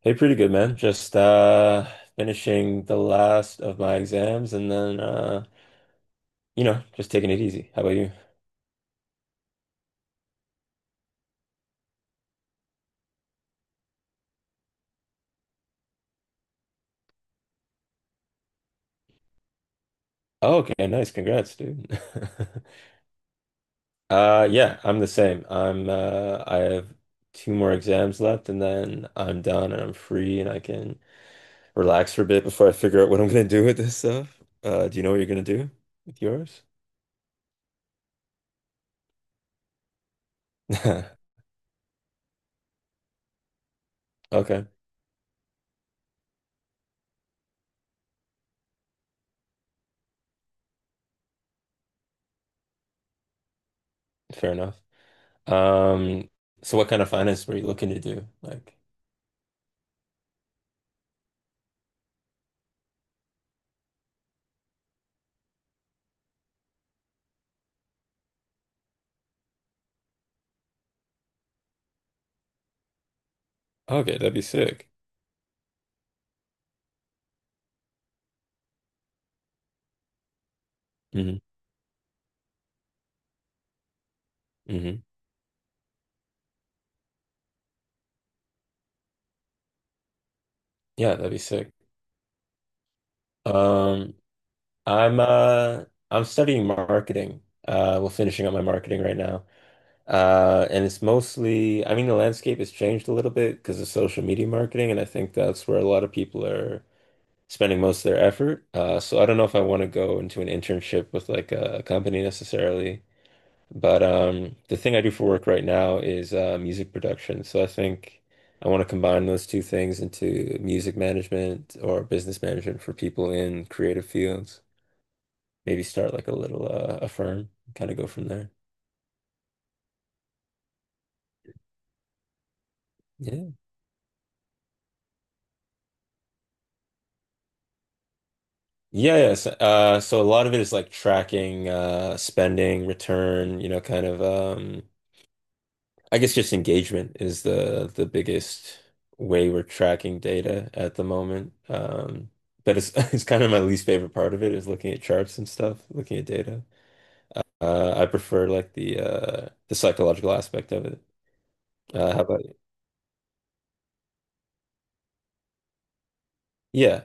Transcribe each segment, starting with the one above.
Hey, pretty good, man. Just finishing the last of my exams and then just taking it easy. How about you? Oh, okay, nice. Congrats, dude. Yeah, I'm the same. I have two more exams left and then I'm done and I'm free and I can relax for a bit before I figure out what I'm gonna do with this stuff. Do you know what you're gonna do with yours? Okay, fair enough. Um so what kind of finance were you looking to do? Like, okay, that'd be sick. Hmm. Yeah, that'd be sick. Um, I'm uh I'm studying marketing. Well, finishing up my marketing right now. And it's mostly, I mean, the landscape has changed a little bit because of social media marketing, and I think that's where a lot of people are spending most of their effort. So I don't know if I want to go into an internship with like a company necessarily. But the thing I do for work right now is music production. So I think I want to combine those two things into music management or business management for people in creative fields. Maybe start like a little a firm, kind of go from there. Yeah. Yeah, yeah. So, so a lot of it is like tracking, spending, return, you know, kind of I guess just engagement is the biggest way we're tracking data at the moment. But it's it's kind of my least favorite part of it is looking at charts and stuff, looking at data. I prefer like the psychological aspect of it. How about you? Yeah,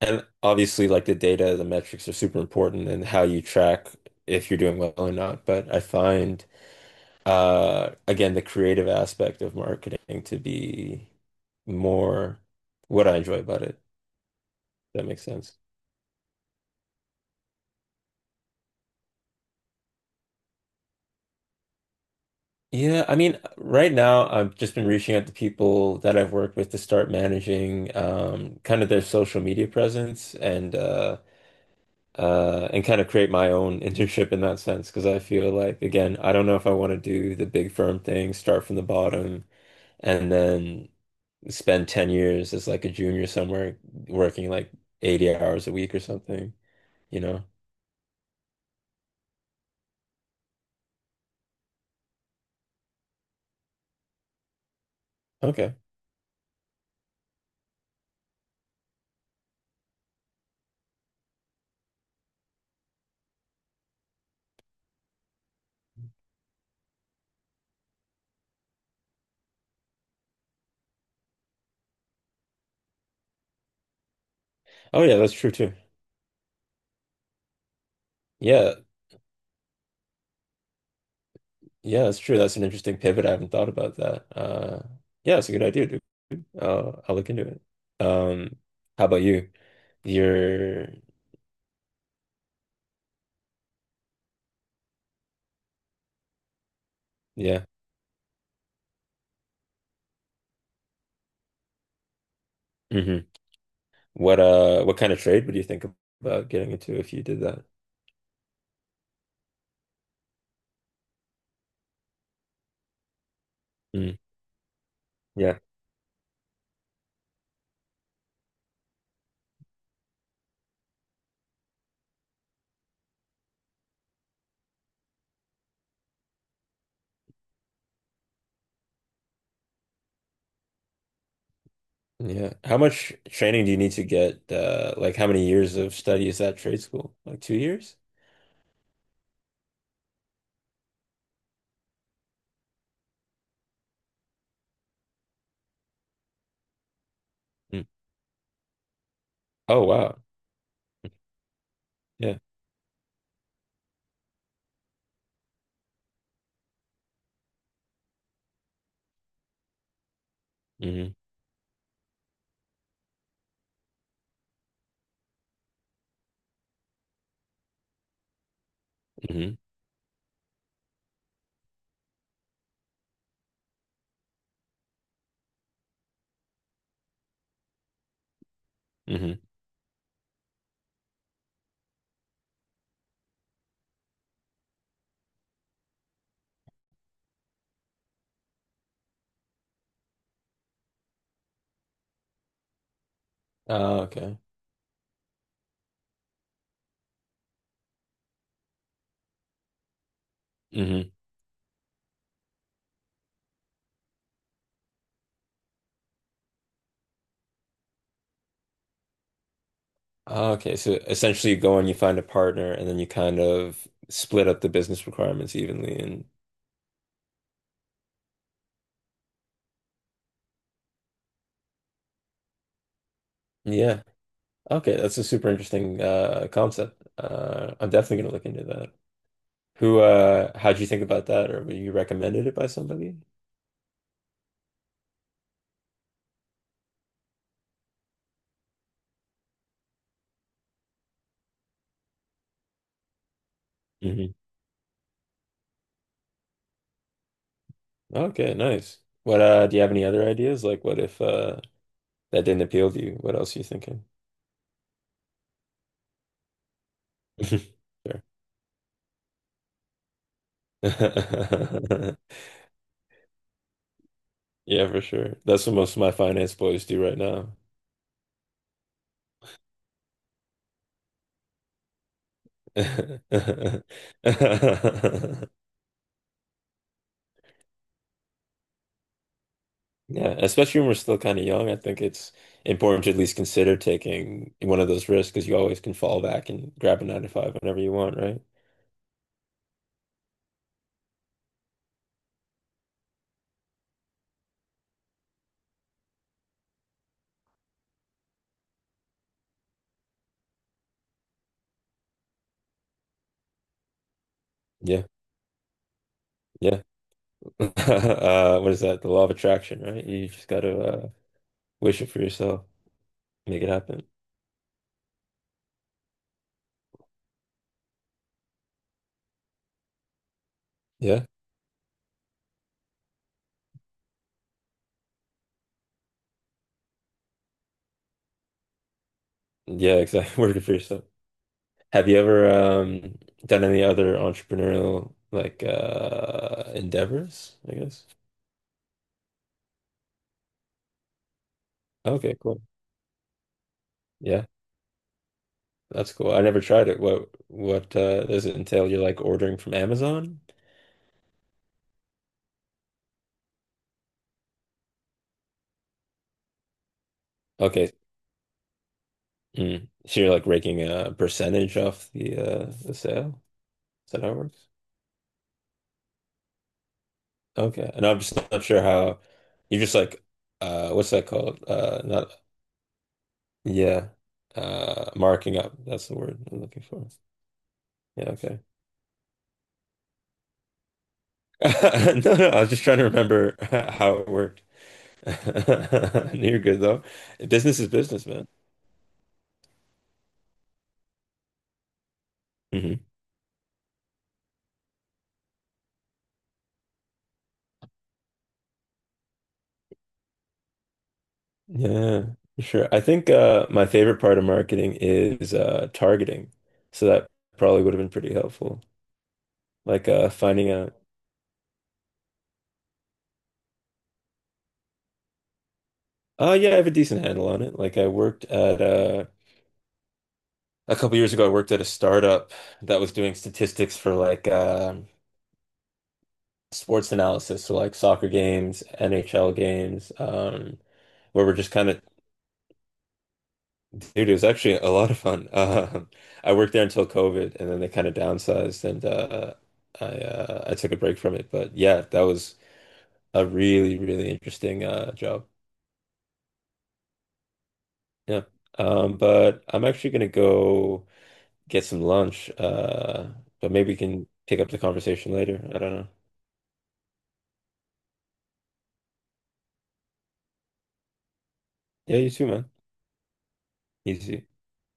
and obviously like the data, the metrics are super important and how you track if you're doing well or not. But I find again the creative aspect of marketing to be more what I enjoy about it. That makes sense. Yeah, I mean, right now I've just been reaching out to people that I've worked with to start managing kind of their social media presence and kind of create my own internship in that sense because I feel like again I don't know if I want to do the big firm thing, start from the bottom, and then spend 10 years as like a junior somewhere working like 80 hours a week or something, you know? Okay. Oh yeah, that's true too. Yeah, yeah, that's true. That's an interesting pivot. I haven't thought about that. Yeah, it's a good idea, dude. I'll look into it. Um, how about you? You're, yeah. Hmm. What kind of trade would you think about getting into if you did that? Mm, yeah, yeah. How much training do you need to get? Like how many years of study is that trade school? Like 2 years? Mm. Oh wow. Yeah. Hmm. Hmm. Hmm. Okay. Hmm. Oh, okay, so essentially you go and you find a partner and then you kind of split up the business requirements evenly and yeah. Okay, that's a super interesting concept. I'm definitely gonna look into that. Who how'd you think about that or were you recommended it by somebody? Hmm. Okay, nice. What do you have any other ideas? Like what if that didn't appeal to you? What else are you thinking? Sure. Yeah, for sure. That's what most of my finance boys do right now. Yeah, especially when we're still kind of young, I think it's important to at least consider taking one of those risks because you always can fall back and grab a nine to five whenever you want, right? Yeah, yeah. What is that? The law of attraction, right? You just got to wish it for yourself, make it happen. Yeah, yeah, exactly. Work it for yourself. Have you ever done any other entrepreneurial like endeavors, I guess? Okay, cool. Yeah. That's cool. I never tried it. What does it entail? You're like ordering from Amazon? Okay. Mm. So you're like raking a percentage off the the sale? Is that how it works? Okay. And I'm just not sure how you're just like what's that called? Not yeah. Marking up. That's the word I'm looking for. Yeah, okay. No, no, I was just trying to remember how it worked. You're good though. Business is business, man. Mhm. Yeah, for sure. I think my favorite part of marketing is targeting. So that probably would have been pretty helpful. Like finding out, oh yeah, I have a decent handle on it. Like I worked at a couple years ago, I worked at a startup that was doing statistics for like sports analysis, so like soccer games, NHL games, where we're just kind of dude, it was actually a lot of fun. I worked there until COVID, and then they kind of downsized, and I took a break from it. But yeah, that was a really, really interesting job. Yeah. But I'm actually gonna go get some lunch. But maybe we can pick up the conversation later. I don't know. Yeah, you too, man. Easy.